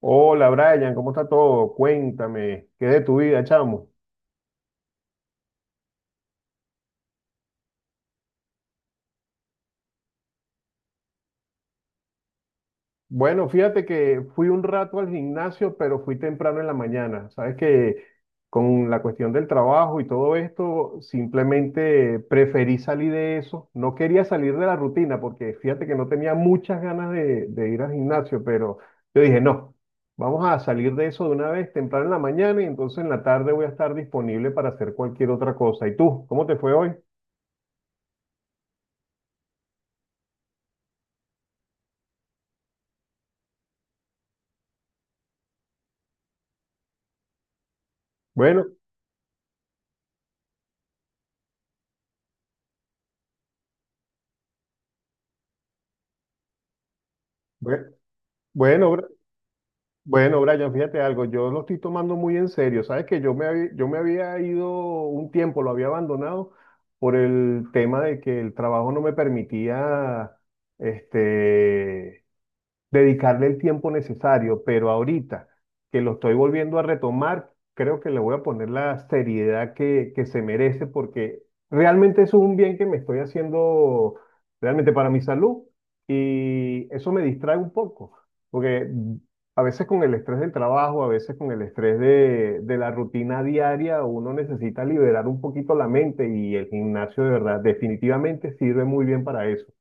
Hola Brian, ¿cómo está todo? Cuéntame, ¿qué de tu vida, chamo? Bueno, fíjate que fui un rato al gimnasio, pero fui temprano en la mañana. Sabes que con la cuestión del trabajo y todo esto, simplemente preferí salir de eso. No quería salir de la rutina porque fíjate que no tenía muchas ganas de ir al gimnasio, pero yo dije, no, vamos a salir de eso de una vez temprano en la mañana y entonces en la tarde voy a estar disponible para hacer cualquier otra cosa. ¿Y tú, cómo te fue hoy? Bueno. bue- Bueno, Bra- bueno, Brian, fíjate algo, yo lo estoy tomando muy en serio. Sabes que yo me había ido un tiempo, lo había abandonado por el tema de que el trabajo no me permitía, este, dedicarle el tiempo necesario, pero ahorita que lo estoy volviendo a retomar, creo que le voy a poner la seriedad que se merece porque realmente eso es un bien que me estoy haciendo realmente para mi salud y eso me distrae un poco, porque a veces con el estrés del trabajo, a veces con el estrés de la rutina diaria, uno necesita liberar un poquito la mente y el gimnasio de verdad definitivamente sirve muy bien para eso.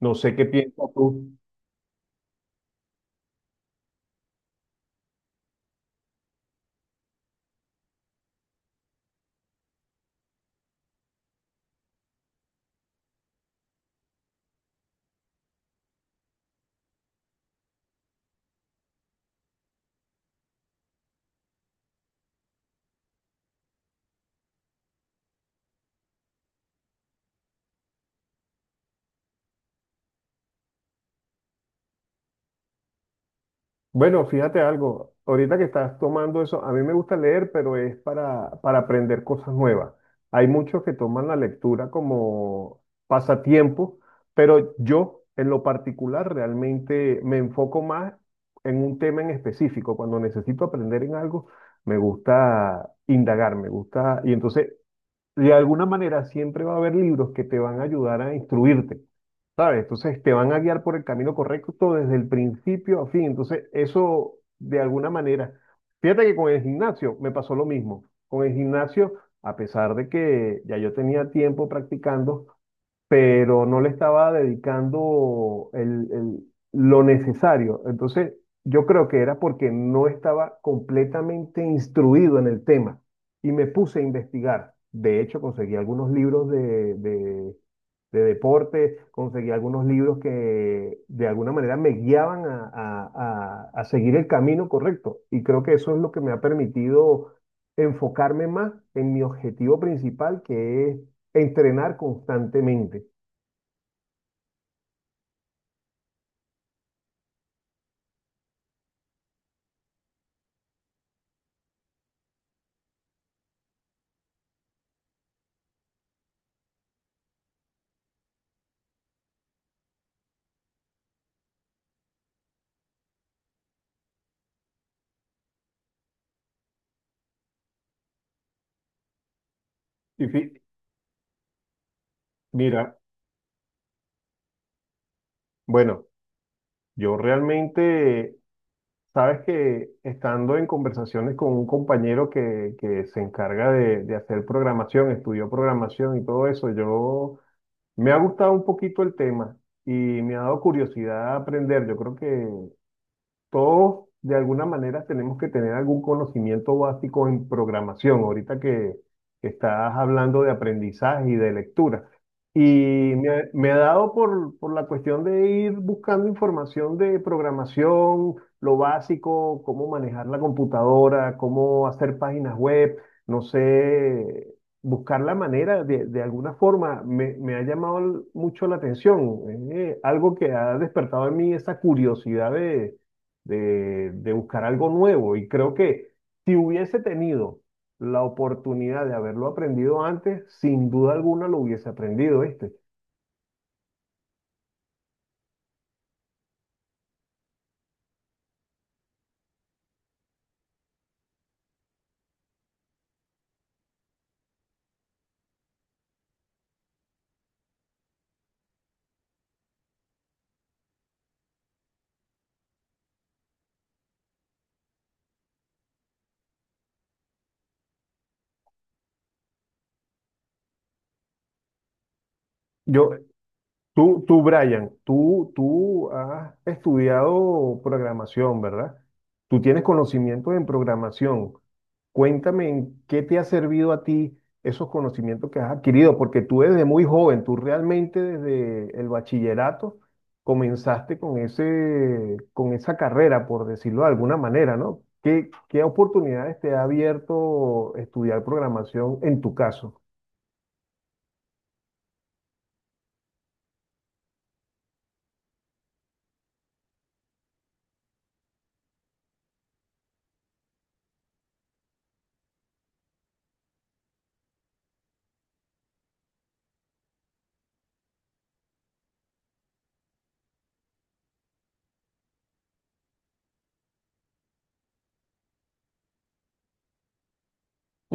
No sé qué piensas tú. Bueno, fíjate algo, ahorita que estás tomando eso, a mí me gusta leer, pero es para aprender cosas nuevas. Hay muchos que toman la lectura como pasatiempo, pero yo en lo particular realmente me enfoco más en un tema en específico. Cuando necesito aprender en algo, me gusta indagar, me gusta, y entonces de alguna manera siempre va a haber libros que te van a ayudar a instruirte, ¿sabes? Entonces te van a guiar por el camino correcto desde el principio a fin. Entonces eso de alguna manera, fíjate que con el gimnasio me pasó lo mismo. Con el gimnasio, a pesar de que ya yo tenía tiempo practicando, pero no le estaba dedicando lo necesario. Entonces, yo creo que era porque no estaba completamente instruido en el tema y me puse a investigar. De hecho, conseguí algunos libros de deporte, conseguí algunos libros que de alguna manera me guiaban a seguir el camino correcto. Y creo que eso es lo que me ha permitido enfocarme más en mi objetivo principal, que es entrenar constantemente. Y fi- mira, bueno, yo realmente, sabes que estando en conversaciones con un compañero que se encarga de hacer programación, estudió programación y todo eso, yo me ha gustado un poquito el tema y me ha dado curiosidad aprender. Yo creo que todos, de alguna manera, tenemos que tener algún conocimiento básico en programación, ahorita que estás hablando de aprendizaje y de lectura. Y me ha dado por la cuestión de ir buscando información de programación, lo básico, cómo manejar la computadora, cómo hacer páginas web, no sé, buscar la manera de alguna forma me ha llamado mucho la atención. Es algo que ha despertado en mí esa curiosidad de buscar algo nuevo. Y creo que si hubiese tenido la oportunidad de haberlo aprendido antes, sin duda alguna lo hubiese aprendido, Yo, Brian, tú has estudiado programación, ¿verdad? Tú tienes conocimientos en programación. Cuéntame en qué te ha servido a ti esos conocimientos que has adquirido, porque tú desde muy joven, tú realmente desde el bachillerato comenzaste con con esa carrera, por decirlo de alguna manera, ¿no? Qué oportunidades te ha abierto estudiar programación en tu caso?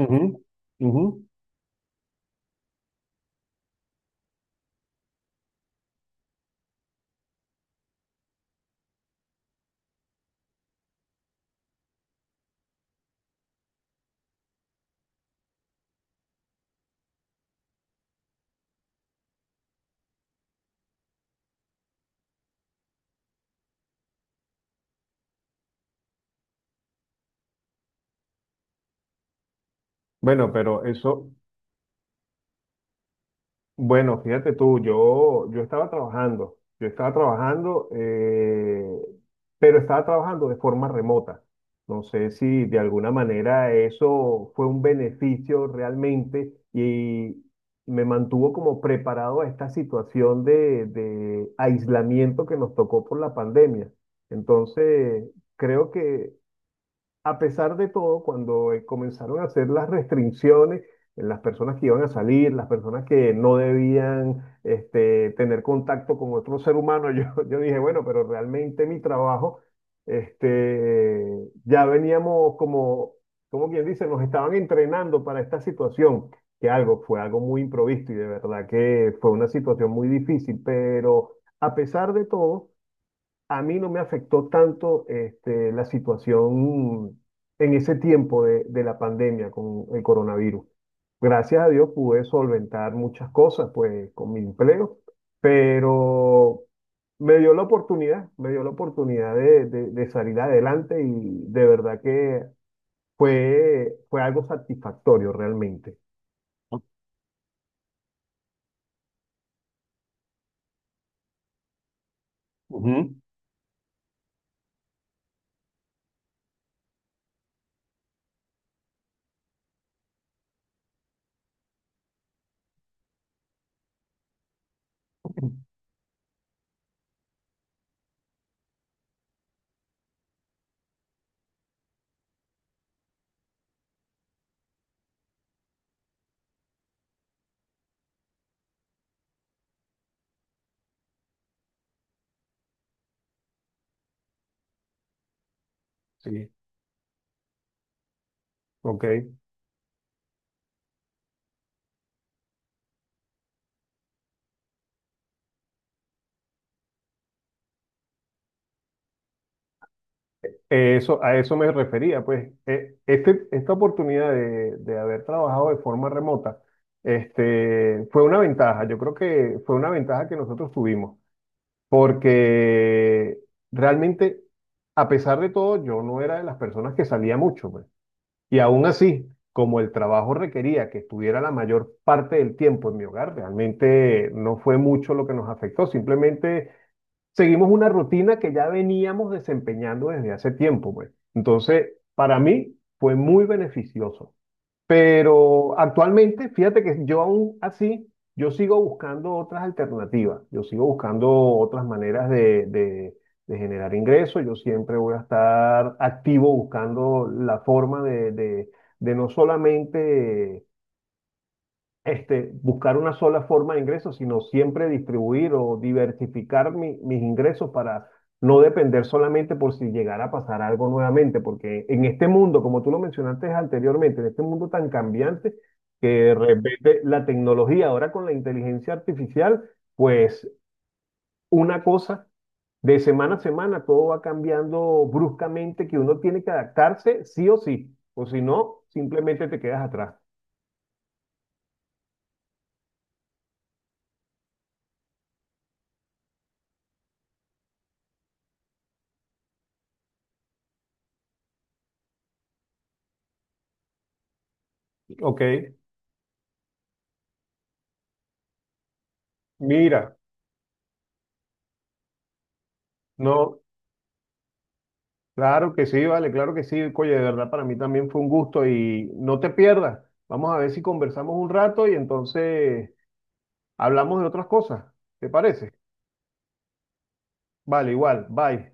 Ujú, ujú. Bueno, pero eso, bueno, fíjate tú, yo estaba trabajando, pero estaba trabajando de forma remota. No sé si de alguna manera eso fue un beneficio realmente y me mantuvo como preparado a esta situación de aislamiento que nos tocó por la pandemia. Entonces, creo que a pesar de todo, cuando comenzaron a hacer las restricciones, las personas que iban a salir, las personas que no debían tener contacto con otro ser humano, yo, yo dije, bueno, pero realmente mi trabajo, ya veníamos como, como quien dice, nos estaban entrenando para esta situación, que algo fue algo muy improvisto y de verdad que fue una situación muy difícil, pero a pesar de todo a mí no me afectó tanto la situación en ese tiempo de la pandemia con el coronavirus. Gracias a Dios pude solventar muchas cosas, pues, con mi empleo, pero me dio la oportunidad, me dio la oportunidad de salir adelante y de verdad que fue, fue algo satisfactorio realmente. Ujú. Sí, ok. A eso me refería, pues esta oportunidad de haber trabajado de forma remota fue una ventaja, yo creo que fue una ventaja que nosotros tuvimos, porque realmente, a pesar de todo, yo no era de las personas que salía mucho, pues. Y aún así, como el trabajo requería que estuviera la mayor parte del tiempo en mi hogar, realmente no fue mucho lo que nos afectó, simplemente seguimos una rutina que ya veníamos desempeñando desde hace tiempo, pues. Entonces, para mí fue muy beneficioso. Pero actualmente, fíjate que yo aún así, yo sigo buscando otras alternativas, yo sigo buscando otras maneras de generar ingresos, yo siempre voy a estar activo buscando la forma de no solamente buscar una sola forma de ingresos, sino siempre distribuir o diversificar mis ingresos para no depender solamente por si llegara a pasar algo nuevamente, porque en este mundo, como tú lo mencionaste anteriormente, en este mundo tan cambiante, que de repente la tecnología ahora con la inteligencia artificial, pues una cosa... De semana a semana todo va cambiando bruscamente, que uno tiene que adaptarse sí o sí, o si no, simplemente te quedas atrás. Ok, mira, no, claro que sí, vale, claro que sí. Oye, de verdad, para mí también fue un gusto y no te pierdas. Vamos a ver si conversamos un rato y entonces hablamos de otras cosas. ¿Te parece? Vale, igual. Bye.